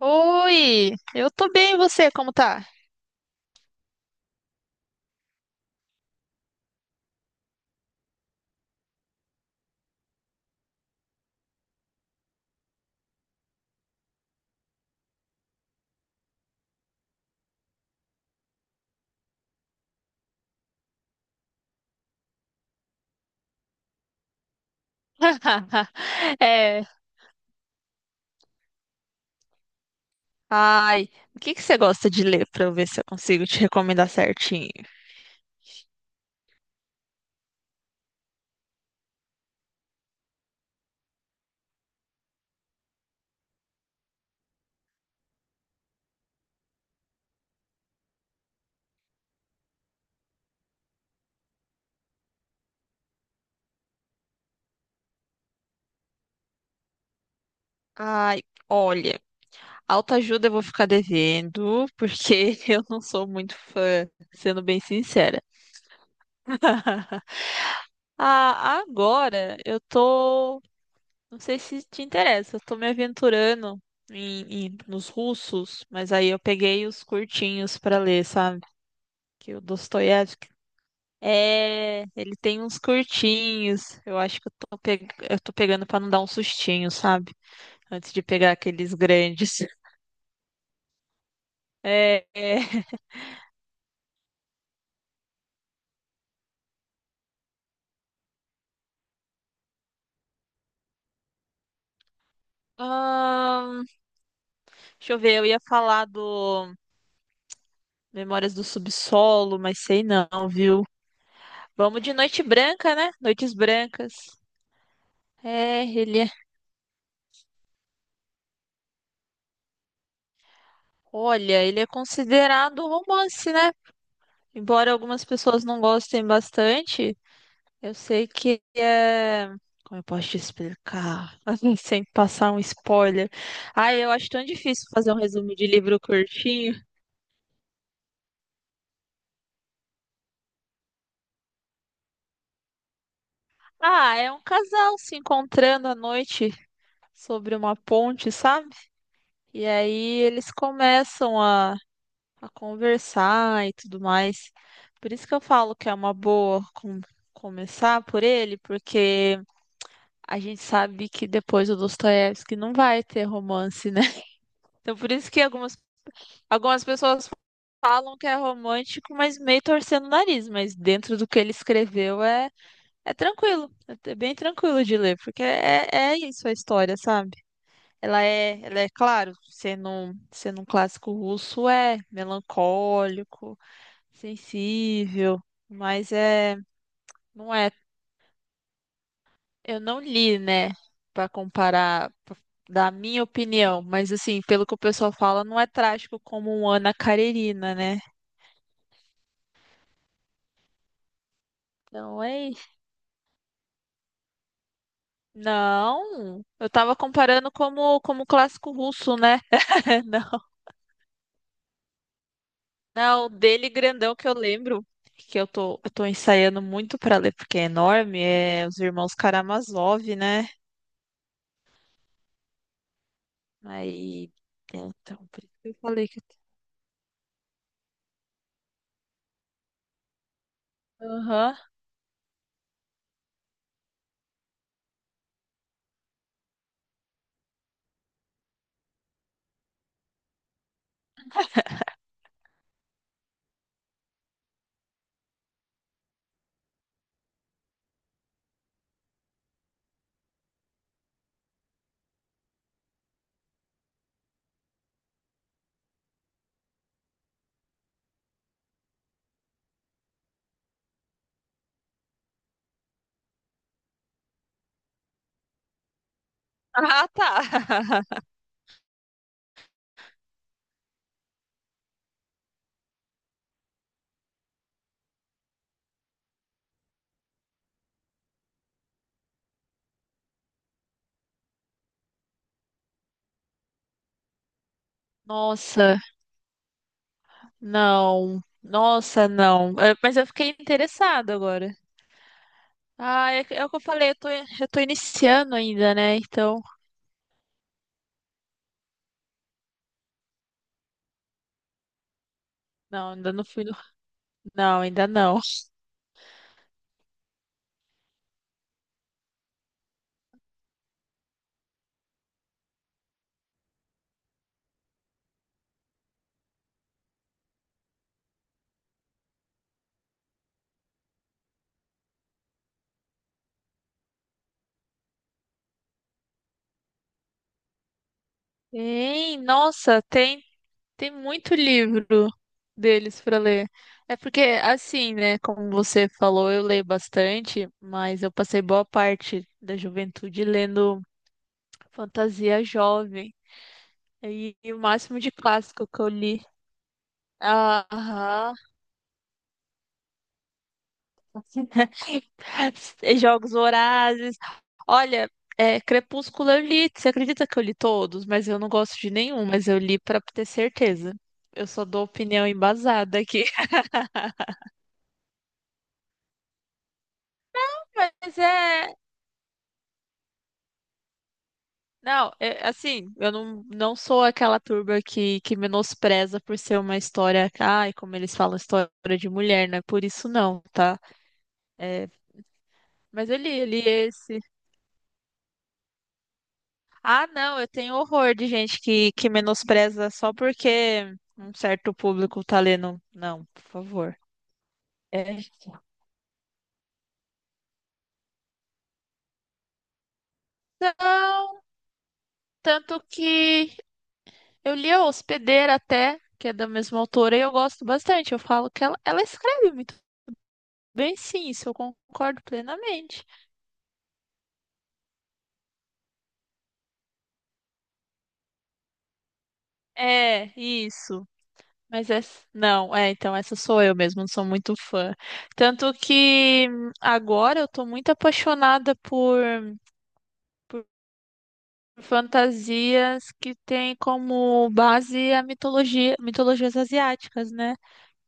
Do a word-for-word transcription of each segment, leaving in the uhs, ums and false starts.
Oi, eu tô bem, e você, como tá? É, ai, o que que você gosta de ler pra eu ver se eu consigo te recomendar certinho? Ai, olha, autoajuda eu vou ficar devendo, porque eu não sou muito fã, sendo bem sincera. Ah, agora eu tô. Não sei se te interessa, eu tô me aventurando em, em- nos russos, mas aí eu peguei os curtinhos pra ler, sabe? Que o Dostoiévski. É, ele tem uns curtinhos. Eu acho que eu tô, pe... eu tô pegando pra não dar um sustinho, sabe? Antes de pegar aqueles grandes. É, é. Ahn, deixa eu ver, eu ia falar do Memórias do Subsolo, mas sei não, viu? Vamos de Noite Branca, né? Noites Brancas. É, ele é. Olha, ele é considerado um romance, né? Embora algumas pessoas não gostem bastante, eu sei que é. Como eu posso te explicar? Assim, sem passar um spoiler. Ah, eu acho tão difícil fazer um resumo de livro curtinho. Ah, é um casal se encontrando à noite sobre uma ponte, sabe? E aí eles começam a a conversar e tudo mais. Por isso que eu falo que é uma boa com- começar por ele, porque a gente sabe que depois o Dostoiévski não vai ter romance, né? Então por isso que algumas, algumas pessoas falam que é romântico, mas meio torcendo o nariz, mas dentro do que ele escreveu é, é tranquilo, é bem tranquilo de ler, porque é, é isso a história, sabe? Ela é, ela é, claro, sendo, um- sendo um clássico russo, é melancólico, sensível, mas é, não é, eu não li, né, pra comparar pra dar a minha opinião, mas assim, pelo que o pessoal fala, não é trágico como um Ana Karenina, né? Então é isso. Não, eu tava comparando como como clássico russo, né? Não, não, o dele grandão que eu lembro. Que eu tô, eu tô ensaiando muito pra ler, porque é enorme, é Os Irmãos Karamazov, né? Aí, então, por isso que eu falei que. Aham. Ah, tá. Nossa, não. Nossa, não. É, mas eu fiquei interessada agora. Ah, é, que- é o que eu falei, eu tô, eu tô iniciando ainda, né? Então, não, ainda não fui no... Não, ainda não. Tem, nossa, tem, tem muito livro deles para ler. É porque, assim, né, como você falou, eu leio bastante, mas eu passei boa parte da juventude lendo fantasia jovem. E, e o máximo de clássico que eu li. Aham. Jogos Vorazes. Olha, é, Crepúsculo eu li. Você acredita que eu li todos? Mas eu não gosto de nenhum, mas eu li pra ter certeza. Eu só dou opinião embasada aqui. Mas é. Não, é, assim, eu não, não sou aquela turba que, que menospreza por ser uma história. Ai, como eles falam, história de mulher, não é por isso não, tá? É, mas eu li, eu li esse. Ah, não, eu tenho horror de gente que, que menospreza só porque um certo público tá lendo. Não, por favor. É. Não, tanto que eu li a Hospedeira até, que é da mesma autora, e eu gosto bastante. Eu falo que ela, ela escreve muito bem, sim, isso eu concordo plenamente. É, isso. Mas essa. Não, é, então essa sou eu mesmo, não sou muito fã. Tanto que hum, agora eu tô muito apaixonada por fantasias que têm como base a mitologia, mitologias asiáticas, né?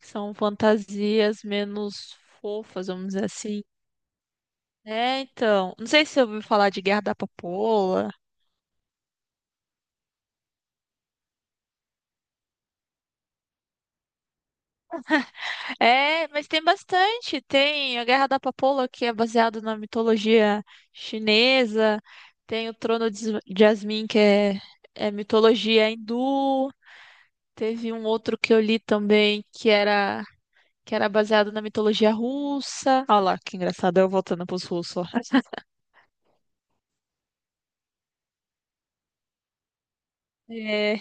São fantasias menos fofas, vamos dizer assim. É, então, não sei se você ouviu falar de Guerra da Papoula. É, mas tem bastante. Tem a Guerra da Papoula, que é baseado na mitologia chinesa. Tem o Trono de Jasmine, que é, é mitologia hindu. Teve um outro que eu li também, que era que era baseado na mitologia russa. Olha lá, que engraçado, eu voltando pros russos, ó. É,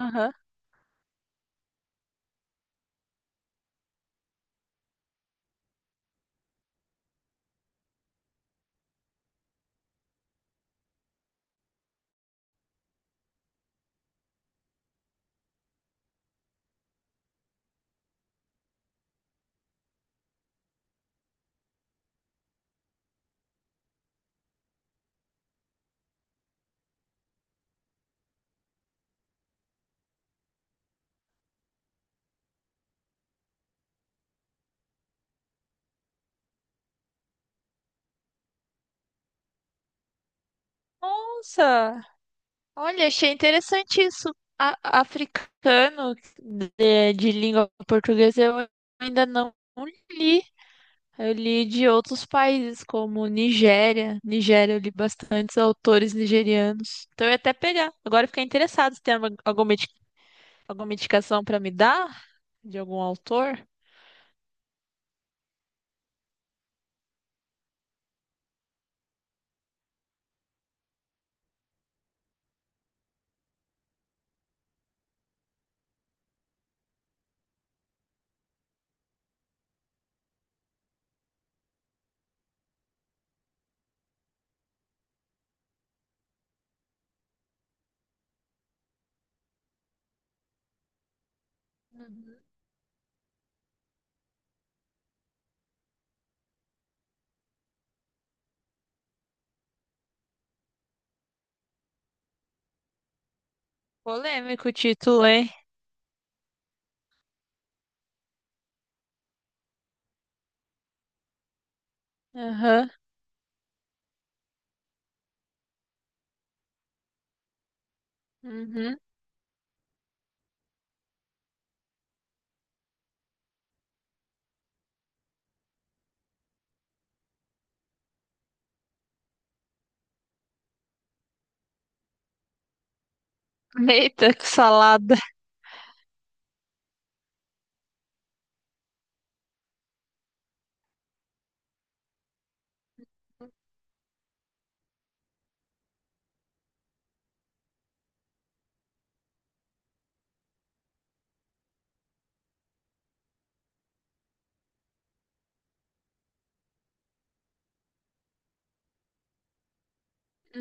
aham. Nossa, olha, achei interessante isso. A- africano de, de língua portuguesa eu ainda não li. Eu li de outros países, como Nigéria. Nigéria, eu li bastantes autores nigerianos. Então eu ia até pegar. Agora eu fiquei interessado se tem alguma, alguma indi- alguma indicação para me dar de algum autor. Uhum. Polêmico o título, hein? Aham. Uhum. Eita, que salada.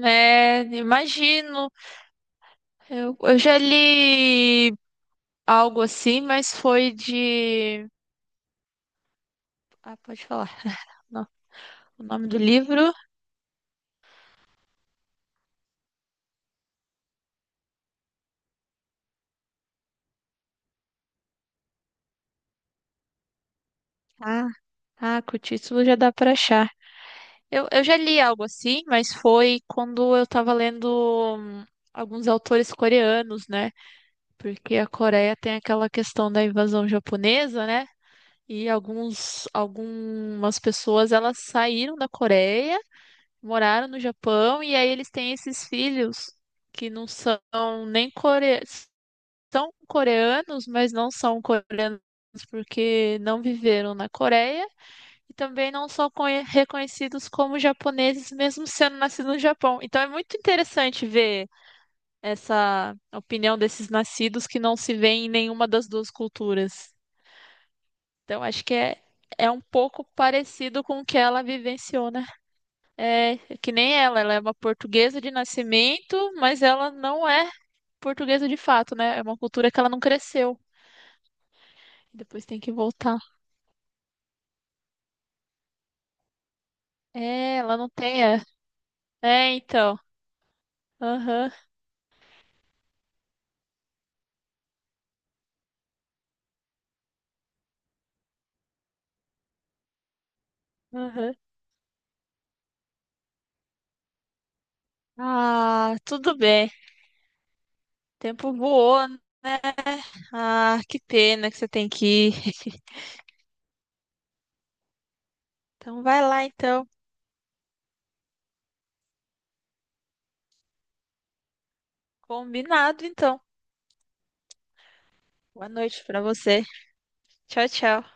É, imagino. Eu, eu já li algo assim, mas foi de. Ah, pode falar. Não, o nome do livro? Ah, ah, com o título já dá pra achar. Eu, eu já li algo assim, mas foi quando eu tava lendo hum, alguns autores coreanos, né? Porque a Coreia tem aquela questão da invasão japonesa, né? E alguns, algumas pessoas elas saíram da Coreia, moraram no Japão e aí eles têm esses filhos que não são nem coreanos, são coreanos, mas não são coreanos porque não viveram na Coreia e também não são conhe- reconhecidos como japoneses mesmo sendo nascidos no Japão. Então é muito interessante ver essa opinião desses nascidos que não se vêem em nenhuma das duas culturas. Então acho que é, é um pouco parecido com o que ela vivenciou na. É é que nem ela, ela é uma portuguesa de nascimento, mas ela não é portuguesa de fato, né? É uma cultura que ela não cresceu. Depois tem que voltar. É, ela não tem. É, é então. Aham, aham. Ah, tudo bem. O tempo voou, né? Ah, que pena que você tem que ir. Então vai lá, então. Combinado, então. Boa noite pra você. Tchau, tchau.